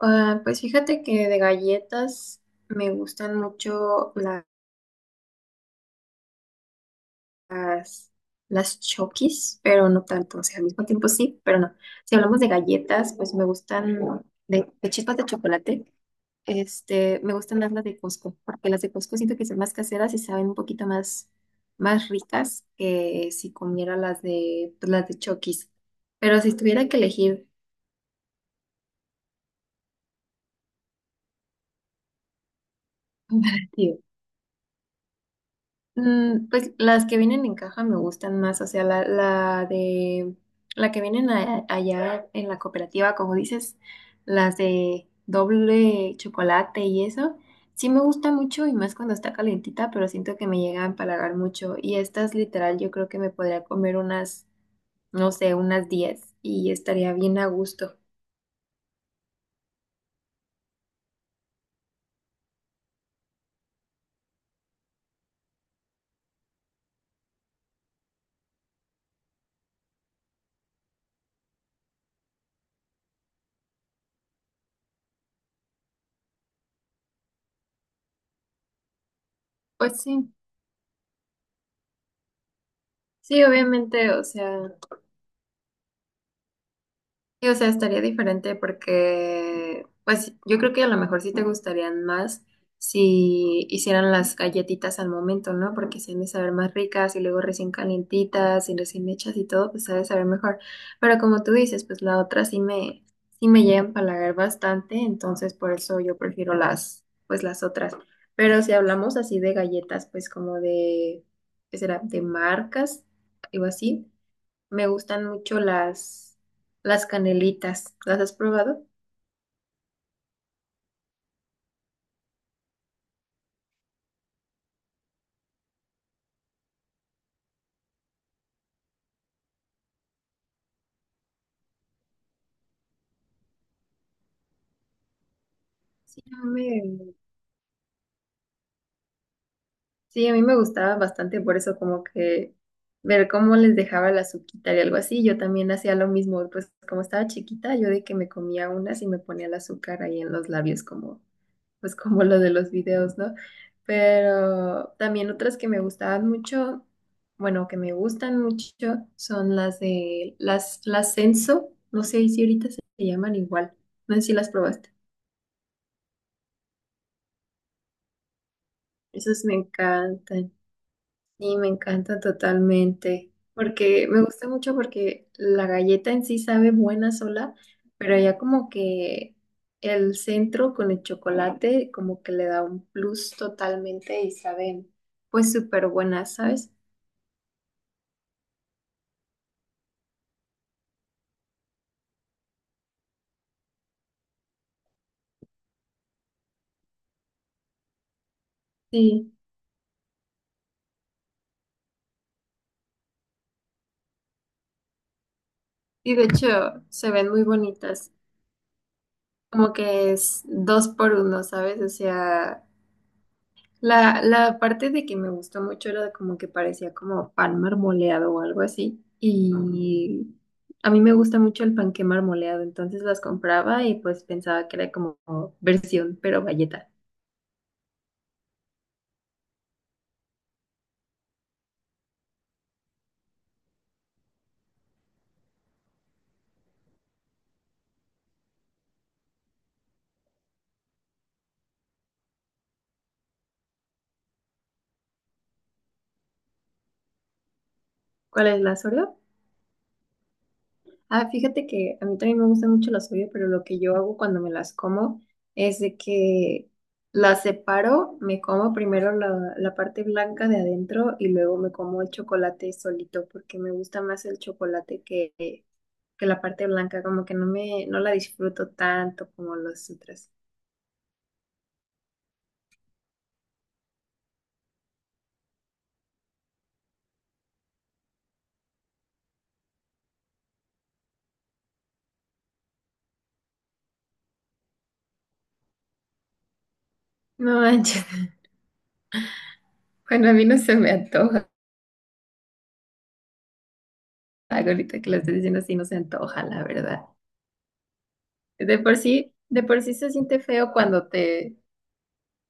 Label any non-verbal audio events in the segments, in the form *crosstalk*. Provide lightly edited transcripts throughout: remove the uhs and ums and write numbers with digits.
Ah, pues fíjate que de galletas me gustan mucho las, las Chokis, pero no tanto, o sea, al mismo tiempo sí, pero no. Si hablamos de galletas, pues me gustan de chispas de chocolate, me gustan más las de Costco, porque las de Costco siento que son más caseras y saben un poquito más, más ricas que si comiera las de, pues, las de Chokis. Pero si tuviera que elegir, *laughs* pues las que vienen en caja me gustan más, o sea, la de la que vienen allá en la cooperativa, como dices, las de doble chocolate y eso, sí me gusta mucho y más cuando está calentita, pero siento que me llega a empalagar mucho y estas literal yo creo que me podría comer unas, no sé, unas 10 y estaría bien a gusto. Pues sí, sí, obviamente, o sea. Sí, o sea, estaría diferente porque, pues, yo creo que a lo mejor sí te gustarían más si hicieran las galletitas al momento, ¿no? Porque se han de saber más ricas y luego recién calientitas y recién hechas y todo, pues se ha de saber mejor. Pero como tú dices, pues la otra sí me llega a empalagar bastante, entonces por eso yo prefiero las, pues las otras. Pero si hablamos así de galletas, pues como de, ¿qué será? De marcas, algo así. Me gustan mucho las canelitas. ¿Las has probado? Sí, a mí, sí, a mí me gustaba bastante por eso, como que ver cómo les dejaba la azuquita y algo así. Yo también hacía lo mismo, pues como estaba chiquita, yo de que me comía unas y me ponía el azúcar ahí en los labios como pues como lo de los videos, ¿no? Pero también otras que me gustaban mucho, bueno, que me gustan mucho, son las de las Senso, no sé si ahorita se llaman igual, no sé si las probaste. Esas me encantan. Sí, me encanta totalmente, porque me gusta mucho porque la galleta en sí sabe buena sola, pero ya como que el centro con el chocolate como que le da un plus totalmente y saben pues súper buenas, ¿sabes? Sí, y de hecho se ven muy bonitas, como que es dos por uno, ¿sabes? O sea... La parte de que me gustó mucho era de como que parecía como pan marmoleado o algo así. Y a mí me gusta mucho el panqué marmoleado, entonces las compraba y pues pensaba que era como versión, pero galleta. ¿Cuál es la Oreo? Ah, fíjate que a mí también me gustan mucho las Oreo, pero lo que yo hago cuando me las como es de que las separo, me como primero la parte blanca de adentro y luego me como el chocolate solito porque me gusta más el chocolate que la parte blanca como que no me, no la disfruto tanto como los otros. No manches. *laughs* Bueno, a mí no se me antoja. Ahorita que lo estoy diciendo así, no se antoja, la verdad. De por sí se siente feo cuando te...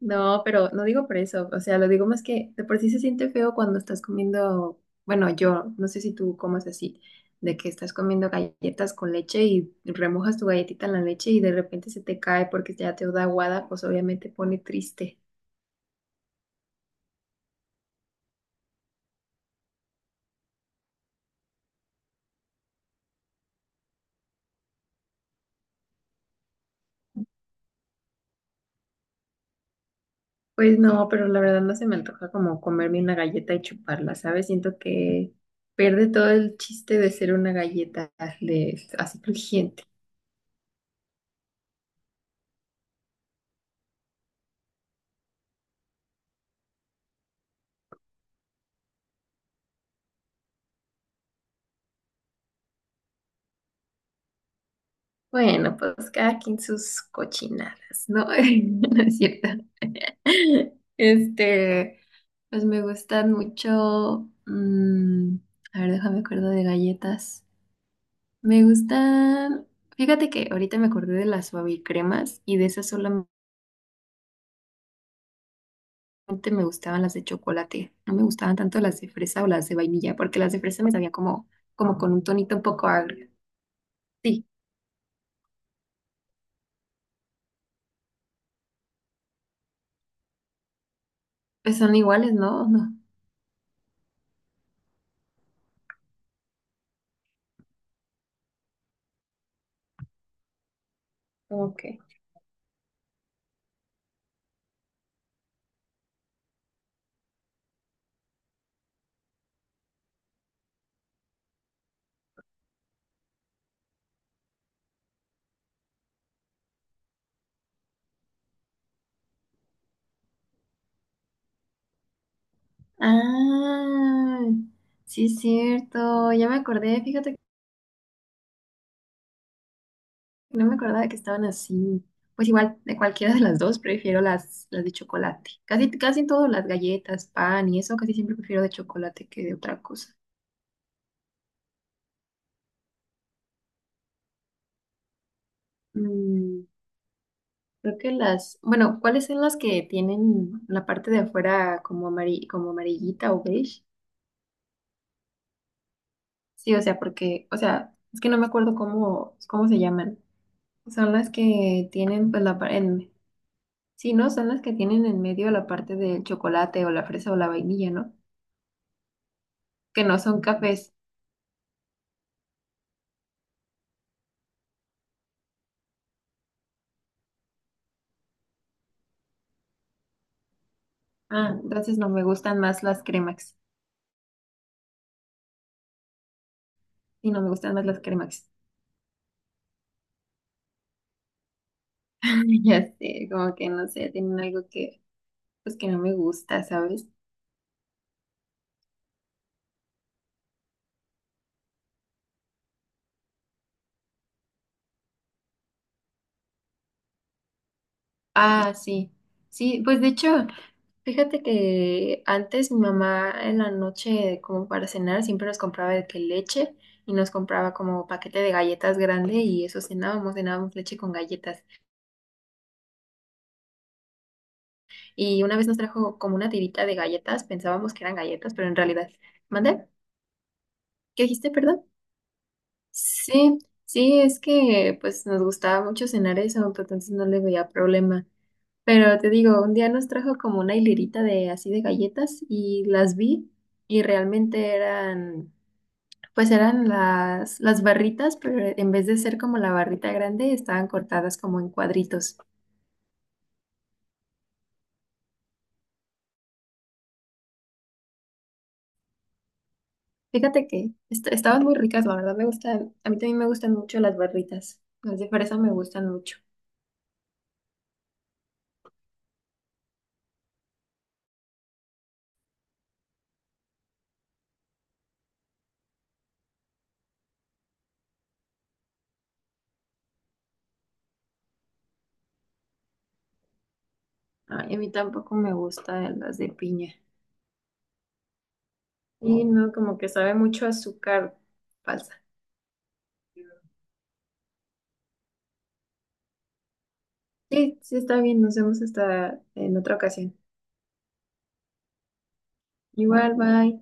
No, pero no digo por eso. O sea, lo digo más que de por sí se siente feo cuando estás comiendo... Bueno, yo no sé si tú comes así, de que estás comiendo galletas con leche y remojas tu galletita en la leche y de repente se te cae porque ya te da aguada, pues obviamente pone triste. Pues no, pero la verdad no se me antoja como comerme una galleta y chuparla, ¿sabes? Siento que pierde todo el chiste de ser una galleta de, así crujiente. Bueno, pues cada quien sus cochinadas, ¿no? *laughs* No es cierto. Este, pues me gustan mucho. A ver, déjame acuerdo de galletas. Me gustan. Fíjate que ahorita me acordé de las suavicremas y de esas solamente. Antes me gustaban las de chocolate, no me gustaban tanto las de fresa o las de vainilla, porque las de fresa me sabían como, como con un tonito un poco agrio. Sí, pues son iguales, ¿no? *laughs* No. Ok. Ah, sí es cierto, ya me acordé, fíjate que no me acordaba que estaban así. Pues igual, de cualquiera de las dos prefiero las de chocolate. Casi, casi en todo, las galletas, pan y eso, casi siempre prefiero de chocolate que de otra cosa. Mm, Creo que las, bueno, ¿cuáles son las que tienen la parte de afuera como como amarillita o beige? Sí, o sea, porque, o sea, es que no me acuerdo cómo, cómo se llaman. Son las que tienen, pues, la parte, sí, ¿no? Son las que tienen en medio la parte del chocolate o la fresa o la vainilla, ¿no? Que no son cafés. Ah, entonces no me gustan más las cremas. Sí, no me gustan más las cremas. *laughs* Ya sé, como que no sé, tienen algo que, pues, que no me gusta, ¿sabes? Ah, sí. Sí, pues de hecho. Fíjate que antes mi mamá en la noche, como para cenar, siempre nos compraba de que leche y nos compraba como paquete de galletas grande y eso cenábamos, cenábamos leche con galletas. Y una vez nos trajo como una tirita de galletas, pensábamos que eran galletas, pero en realidad, ¿mande? ¿Qué dijiste, perdón? Sí, sí, es que pues nos gustaba mucho cenar eso, pero entonces no le veía problema. Pero te digo, un día nos trajo como una hilerita de así de galletas y las vi y realmente eran... Pues eran las barritas, pero en vez de ser como la barrita grande, estaban cortadas como en cuadritos. Fíjate que estaban muy ricas, la verdad me gustan, a mí también me gustan mucho las barritas. Las de fresa me gustan mucho. Ay, a mí tampoco me gustan las de piña. Y no, como que sabe mucho a azúcar falsa. Sí, sí está bien, nos vemos hasta en otra ocasión. Igual, bye.